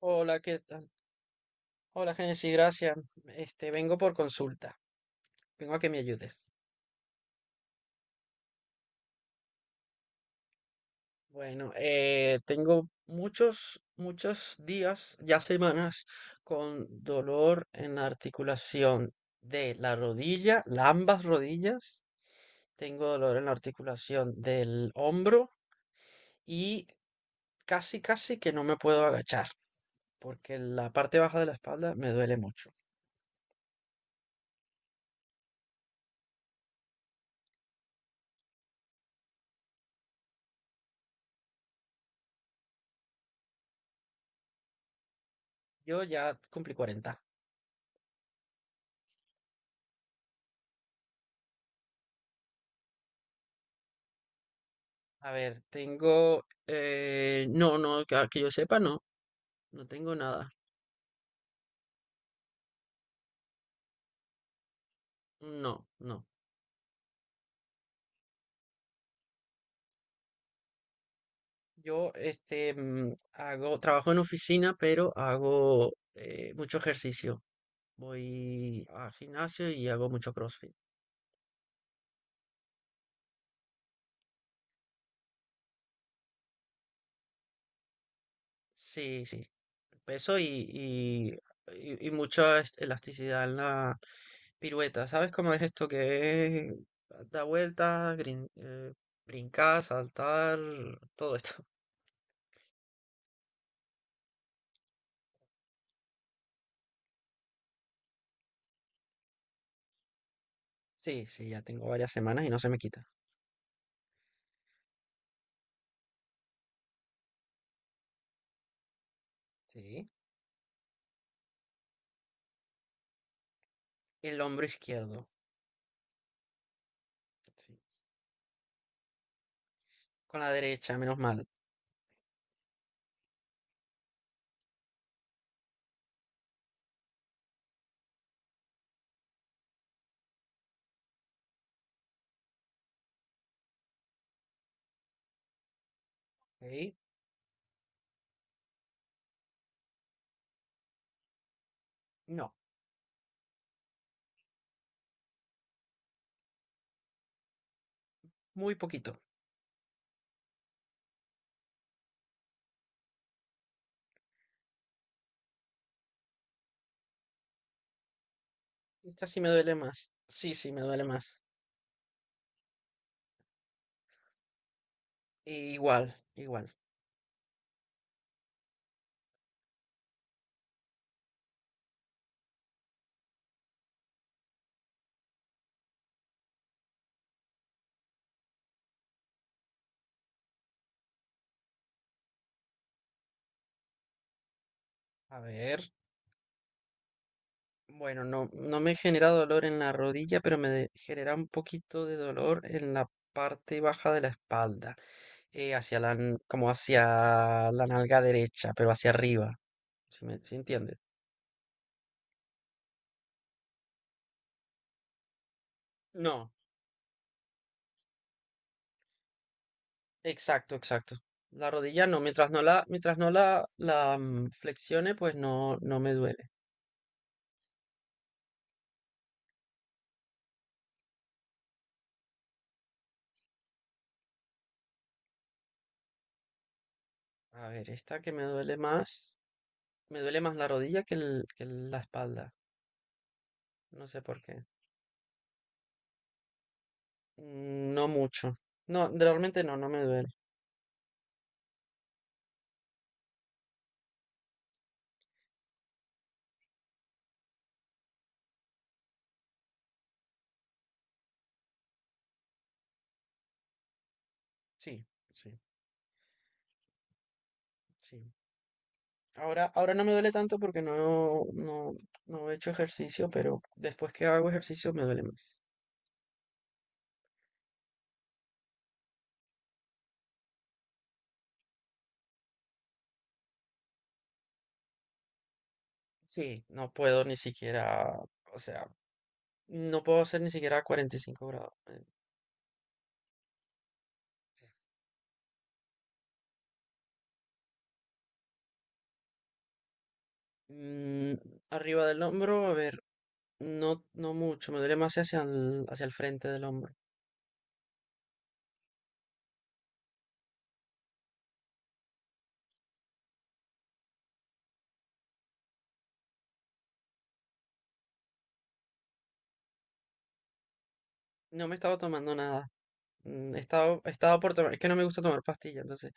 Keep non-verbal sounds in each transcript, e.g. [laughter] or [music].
Hola, ¿qué tal? Hola, Genesis, gracias. Vengo por consulta. Vengo a que me ayudes. Bueno, tengo muchos días, ya semanas, con dolor en la articulación de la rodilla, ambas rodillas. Tengo dolor en la articulación del hombro y casi, casi que no me puedo agachar porque la parte baja de la espalda me duele mucho. Yo ya cumplí 40. A ver, tengo... no, no, que, ah, que yo sepa, no. No tengo nada. No, no. Yo, trabajo en oficina, pero hago mucho ejercicio. Voy al gimnasio y hago mucho CrossFit. Sí, sí. Peso y mucha elasticidad en la pirueta. ¿Sabes cómo es esto que es? Da vueltas, brincar, saltar, todo esto. [laughs] Sí, sí, ya tengo varias semanas y no se me quita. Sí. El hombro izquierdo. Sí. Con la derecha, menos mal. ¿Ok? No, muy poquito. Esta sí me duele más. Sí, sí, me duele más. Igual, igual. A ver. Bueno, no, no me genera dolor en la rodilla, pero genera un poquito de dolor en la parte baja de la espalda. Hacia como hacia la nalga derecha, pero hacia arriba. ¿Si me, si entiendes? No. Exacto, exacto. La rodilla no, mientras no flexione, pues no, no me duele. A ver, esta que me duele más la rodilla que la espalda. No sé por qué. No mucho. No, realmente no, no me duele. Sí, sí, sí. Ahora, ahora no me duele tanto porque no he hecho ejercicio, pero después que hago ejercicio me duele más. Sí, no puedo ni siquiera, o sea, no puedo hacer ni siquiera 45°. Mm, arriba del hombro, a ver, no, no mucho, me duele más hacia el frente del hombro. No me estaba tomando nada. Estaba por tomar, es que no me gusta tomar pastillas, entonces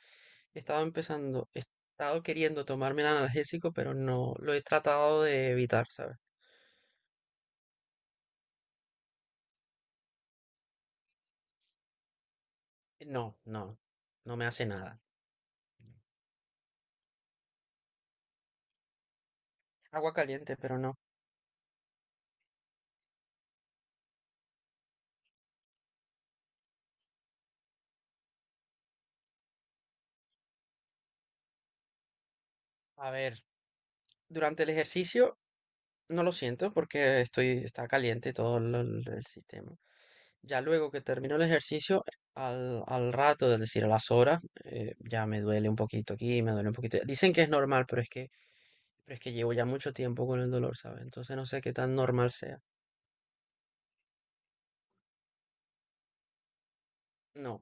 he estado queriendo tomarme el analgésico, pero no, lo he tratado de evitar, ¿sabes? No, no, no me hace nada. Agua caliente, pero no. A ver, durante el ejercicio no lo siento porque está caliente todo el sistema. Ya luego que termino el ejercicio, al rato, es decir, a las horas, ya me duele un poquito aquí, me duele un poquito. Dicen que es normal, pero es que llevo ya mucho tiempo con el dolor, ¿sabes? Entonces no sé qué tan normal sea. No,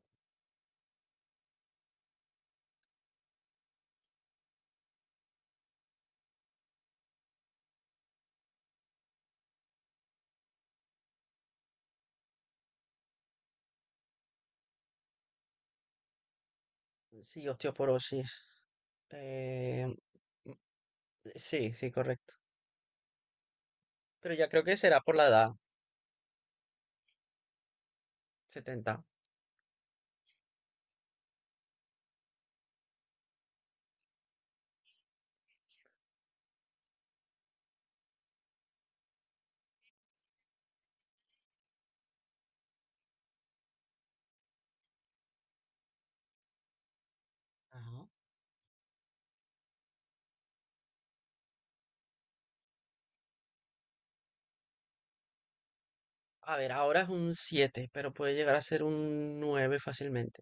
sí, osteoporosis. Eh, mm, sí, sí, correcto. Pero ya creo que será por la edad, 70. Ajá. A ver, ahora es un 7, pero puede llegar a ser un 9 fácilmente.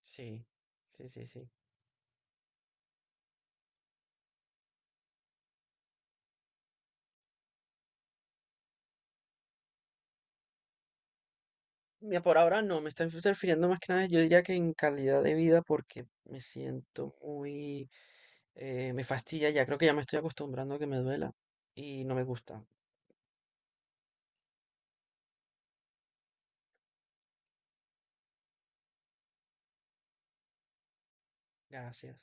Sí, sí, sí, sí. Mira, por ahora no, me está interfiriendo más que nada, yo diría que en calidad de vida porque me siento muy... me fastidia ya, creo que ya me estoy acostumbrando a que me duela y no me gusta. Gracias.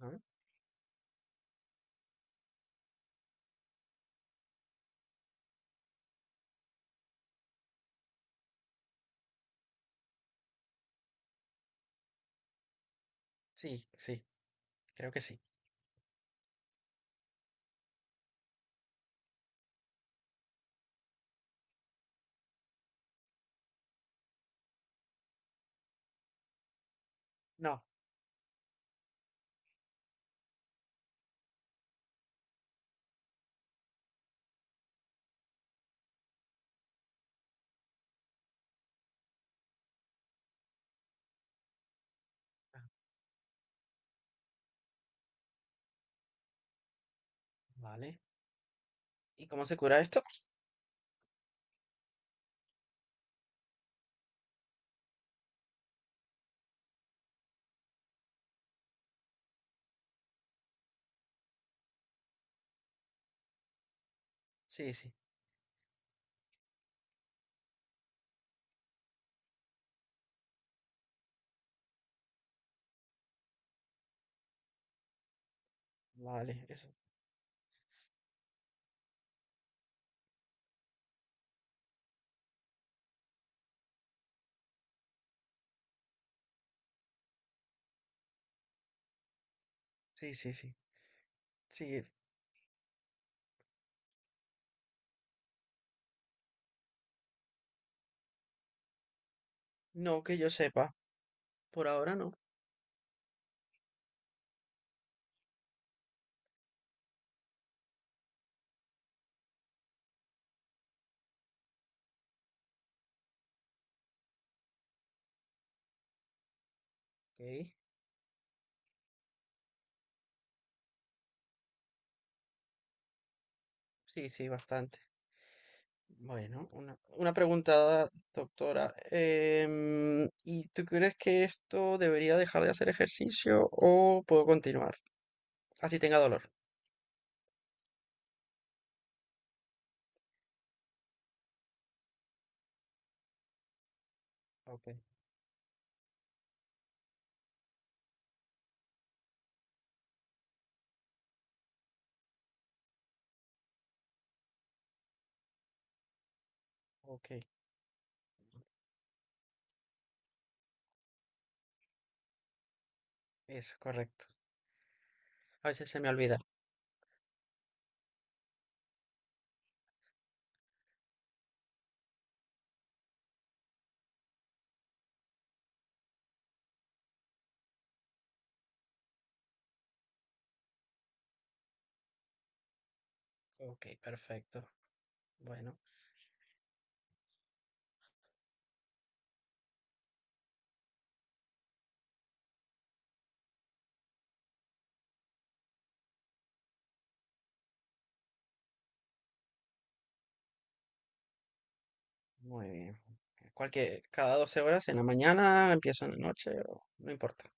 Ah, sí, sí, creo que sí. No, vale. ¿Y cómo se cura esto? Sí, sí, vale, eso. Sí, sí, sí. Sí, no que yo sepa. Por ahora no. Ok. Sí, sí, bastante. Bueno, una pregunta, doctora. ¿Y tú crees que esto debería dejar de hacer ejercicio o puedo continuar? Así tenga dolor. Ok, ok, eso, correcto. A veces se me olvida. Ok, perfecto. Bueno, muy bien. Cualquier, cada 12 horas en la mañana, empiezo en la noche, no importa.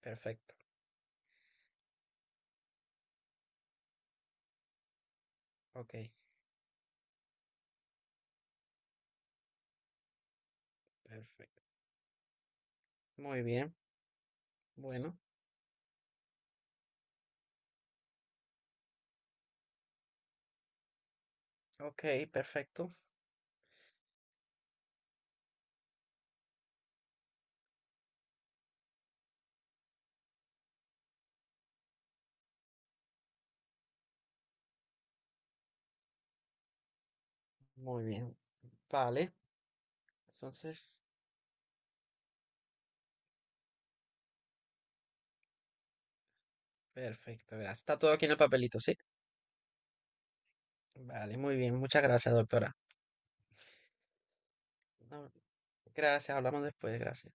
Perfecto. Ok, perfecto. Muy bien. Bueno, ok, perfecto. Muy bien. Vale. Entonces. Perfecto, gracias. Está todo aquí en el papelito, ¿sí? Vale, muy bien. Muchas gracias, doctora. No, gracias, hablamos después, gracias.